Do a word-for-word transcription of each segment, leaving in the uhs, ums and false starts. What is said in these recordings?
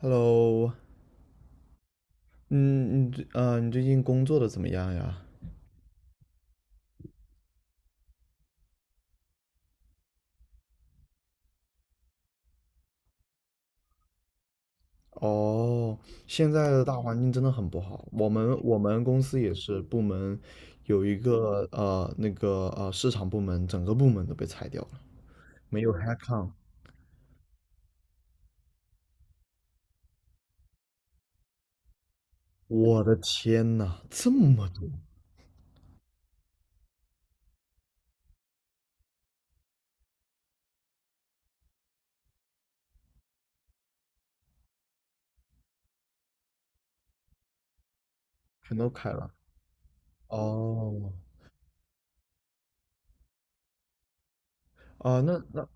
Hello，嗯，你最呃，你最近工作的怎么样呀？哦，现在的大环境真的很不好。我们我们公司也是部门有一个呃那个呃市场部门，整个部门都被裁掉了，没有 headcount。我的天呐，这么多，全都开了。哦，啊、那那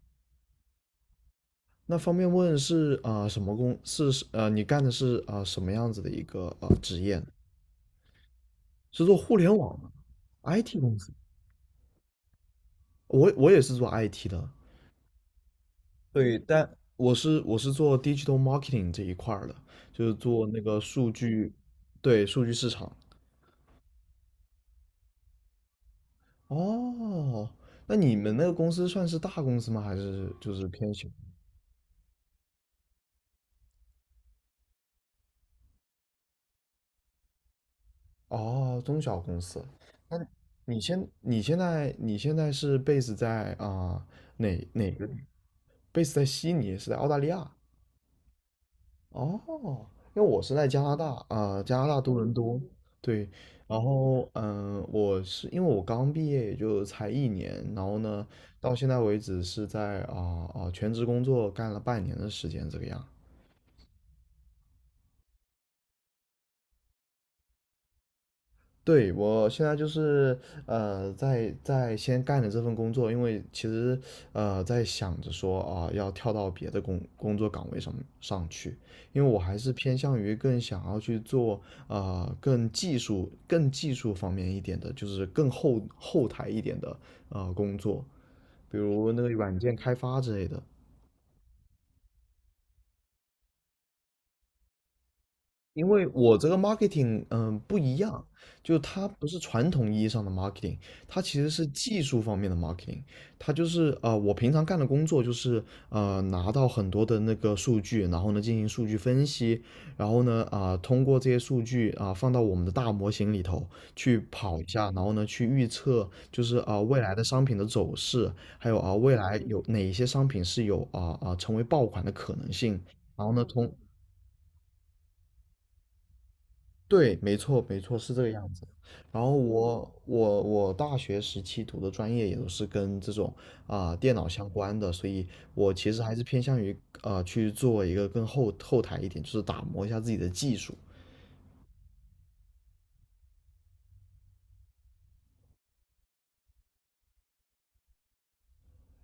那方便问是啊、呃什么工？是是呃你干的是啊、呃什么样子的一个呃职业呢？是做互联网的 I T 公司。我我也是做 I T 的，对，但我是我是做 digital marketing 这一块儿的，就是做那个数据，对，数据市场。哦，那你们那个公司算是大公司吗？还是就是偏小？哦，中小公司。那你现你现在你现在是 base 在啊、哪哪个地？base 在悉尼，是在澳大利亚。哦，因为我是在加拿大啊、呃加拿大多伦多，对，然后嗯、呃我是因为我刚毕业也就才一年，然后呢，到现在为止是在啊啊、全职工作干了半年的时间这个样。对，我现在就是呃，在在先干着这份工作，因为其实呃在想着说啊、要跳到别的工工作岗位上上去，因为我还是偏向于更想要去做呃更技术、更技术方面一点的，就是更后后台一点的呃工作，比如那个软件开发之类的。因为我这个 marketing，嗯，不一样，就它不是传统意义上的 marketing，它其实是技术方面的 marketing，它就是呃，我平常干的工作就是呃，拿到很多的那个数据，然后呢进行数据分析，然后呢啊、通过这些数据啊、放到我们的大模型里头去跑一下，然后呢去预测就是啊、未来的商品的走势，还有啊、未来有哪一些商品是有啊啊、成为爆款的可能性，然后呢通对，没错，没错，是这个样子。然后我我我大学时期读的专业也都是跟这种啊、电脑相关的，所以我其实还是偏向于啊去做一个更后后台一点，就是打磨一下自己的技术。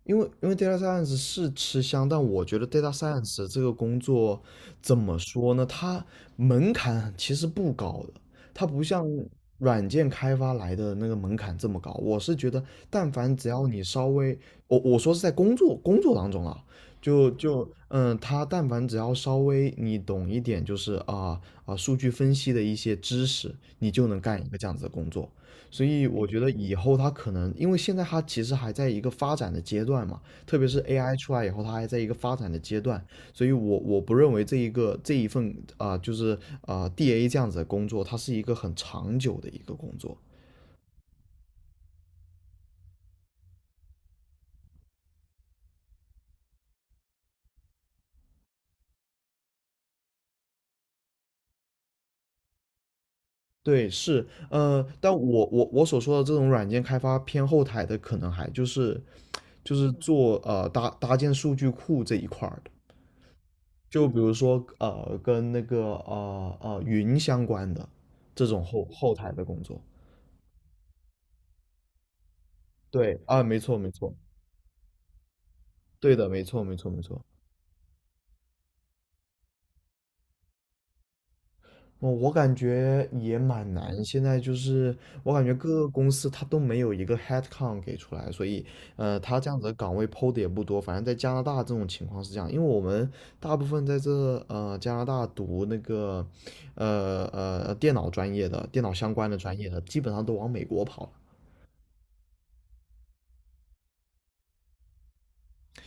因为因为 data science 是吃香，但我觉得 data science 这个工作怎么说呢？它门槛其实不高的，它不像软件开发来的那个门槛这么高。我是觉得，但凡只要你稍微，我我说是在工作工作当中啊，就就嗯，他但凡只要稍微你懂一点，就是啊啊数据分析的一些知识，你就能干一个这样子的工作。所以我觉得以后它可能，因为现在它其实还在一个发展的阶段嘛，特别是 A I 出来以后，它还在一个发展的阶段，所以我我不认为这一个这一份啊、呃就是啊、D A 这样子的工作，它是一个很长久的一个工作。对，是，呃，但我我我所说的这种软件开发偏后台的，可能还就是就是做呃搭搭建数据库这一块儿的，就比如说呃跟那个呃呃云相关的这种后后台的工作。对啊，没错没错，对的，没错没错没错。我我感觉也蛮难，现在就是我感觉各个公司它都没有一个 headcount 给出来，所以呃，它这样子的岗位抛的也不多。反正在加拿大这种情况是这样，因为我们大部分在这呃加拿大读那个呃呃电脑专业的、电脑相关的专业的，基本上都往美国跑了。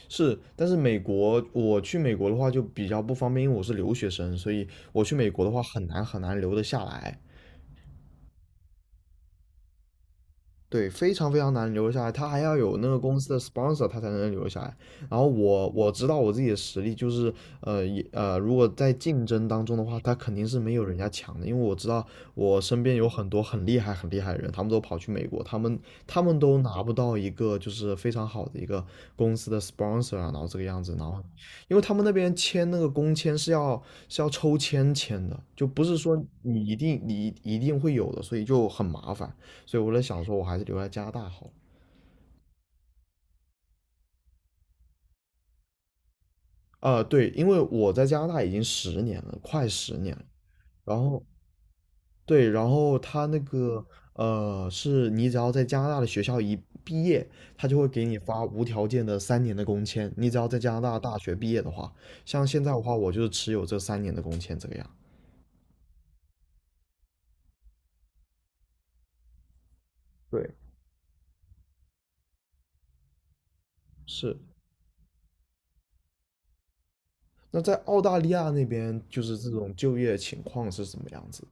是，但是美国我去美国的话就比较不方便，因为我是留学生，所以我去美国的话很难很难留得下来。对，非常非常难留下来，他还要有那个公司的 sponsor，他才能留下来。然后我我知道我自己的实力，就是呃也呃，如果在竞争当中的话，他肯定是没有人家强的，因为我知道我身边有很多很厉害很厉害的人，他们都跑去美国，他们他们都拿不到一个就是非常好的一个公司的 sponsor 啊，然后这个样子，然后因为他们那边签那个工签是要是要抽签签的，就不是说你一定你一定会有的，所以就很麻烦。所以我在想说，我还是留在加拿大好。啊、呃对，因为我在加拿大已经十年了，快十年了。然后对，然后他那个呃，是你只要在加拿大的学校一毕业，他就会给你发无条件的三年的工签。你只要在加拿大大学毕业的话，像现在的话，我就是持有这三年的工签这个样。对，是。那在澳大利亚那边，就是这种就业情况是什么样子？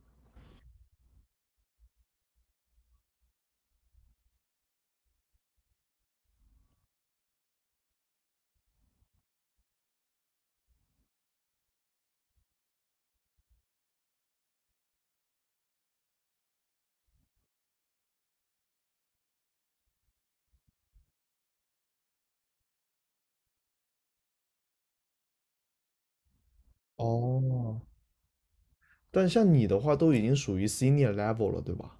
哦，但像你的话，都已经属于 senior level 了，对吧？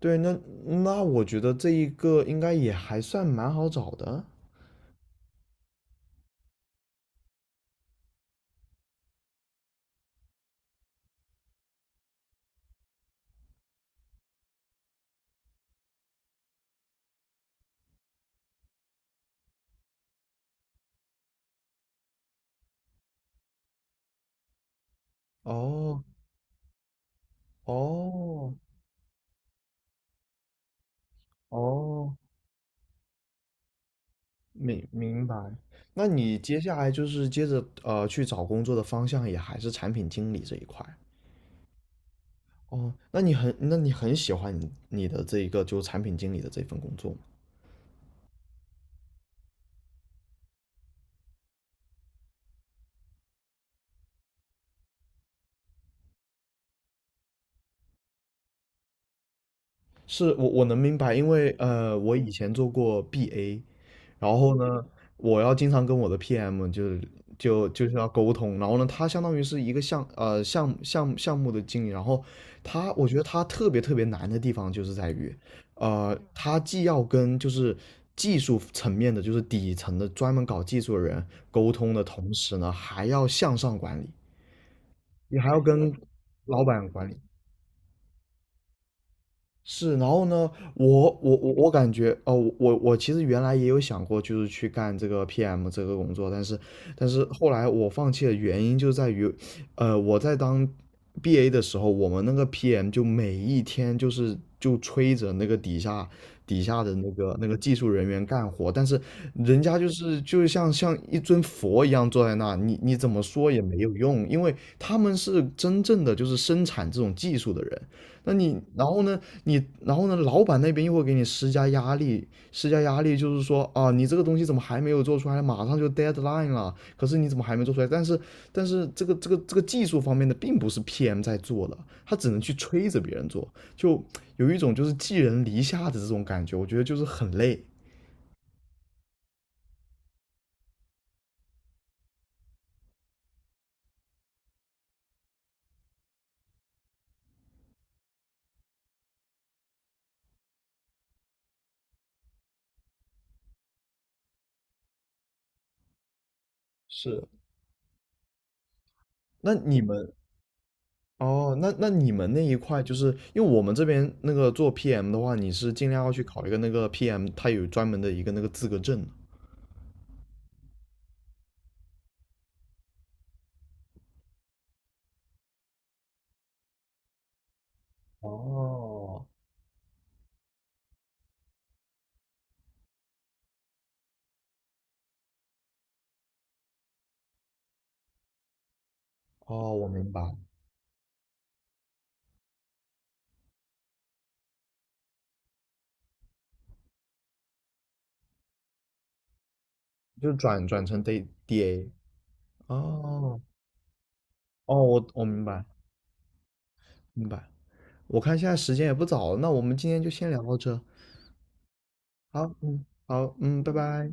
对，那那我觉得这一个应该也还算蛮好找的。哦哦哦，明明白。那你接下来就是接着呃去找工作的方向也还是产品经理这一块。哦，那你很那你很喜欢你你的这一个就产品经理的这份工作吗？是我我能明白，因为呃我以前做过 B A，然后呢，我要经常跟我的 P M 就是就就是要沟通，然后呢，他相当于是一个项呃项目项目项目的经理，然后他我觉得他特别特别难的地方就是在于，呃，他既要跟就是技术层面的，就是底层的专门搞技术的人沟通的同时呢，还要向上管理，你还要跟老板管理，是，然后呢，我我我我感觉哦，我我我其实原来也有想过，就是去干这个 P M 这个工作，但是但是后来我放弃的原因就在于，呃，我在当 B A 的时候，我们那个 P M 就每一天就是就催着那个底下底下的那个那个技术人员干活，但是人家就是就像像一尊佛一样坐在那，你你怎么说也没有用，因为他们是真正的就是生产这种技术的人。那你，然后呢，你，然后呢，老板那边又会给你施加压力，施加压力就是说啊，你这个东西怎么还没有做出来？马上就 deadline 了，可是你怎么还没做出来？但是，但是这个这个这个技术方面的并不是 P M 在做的，他只能去催着别人做，就有一种就是寄人篱下的这种感觉，我觉得就是很累。是，那你们哦，那那你们那一块，就是因为我们这边那个做 P M 的话，你是尽量要去考一个那个 P M，它有专门的一个那个资格证的。哦哦，我明白，就转转成 D D A。哦哦，我我明白明白。我看现在时间也不早了，那我们今天就先聊到这。好，嗯，好，嗯，拜拜。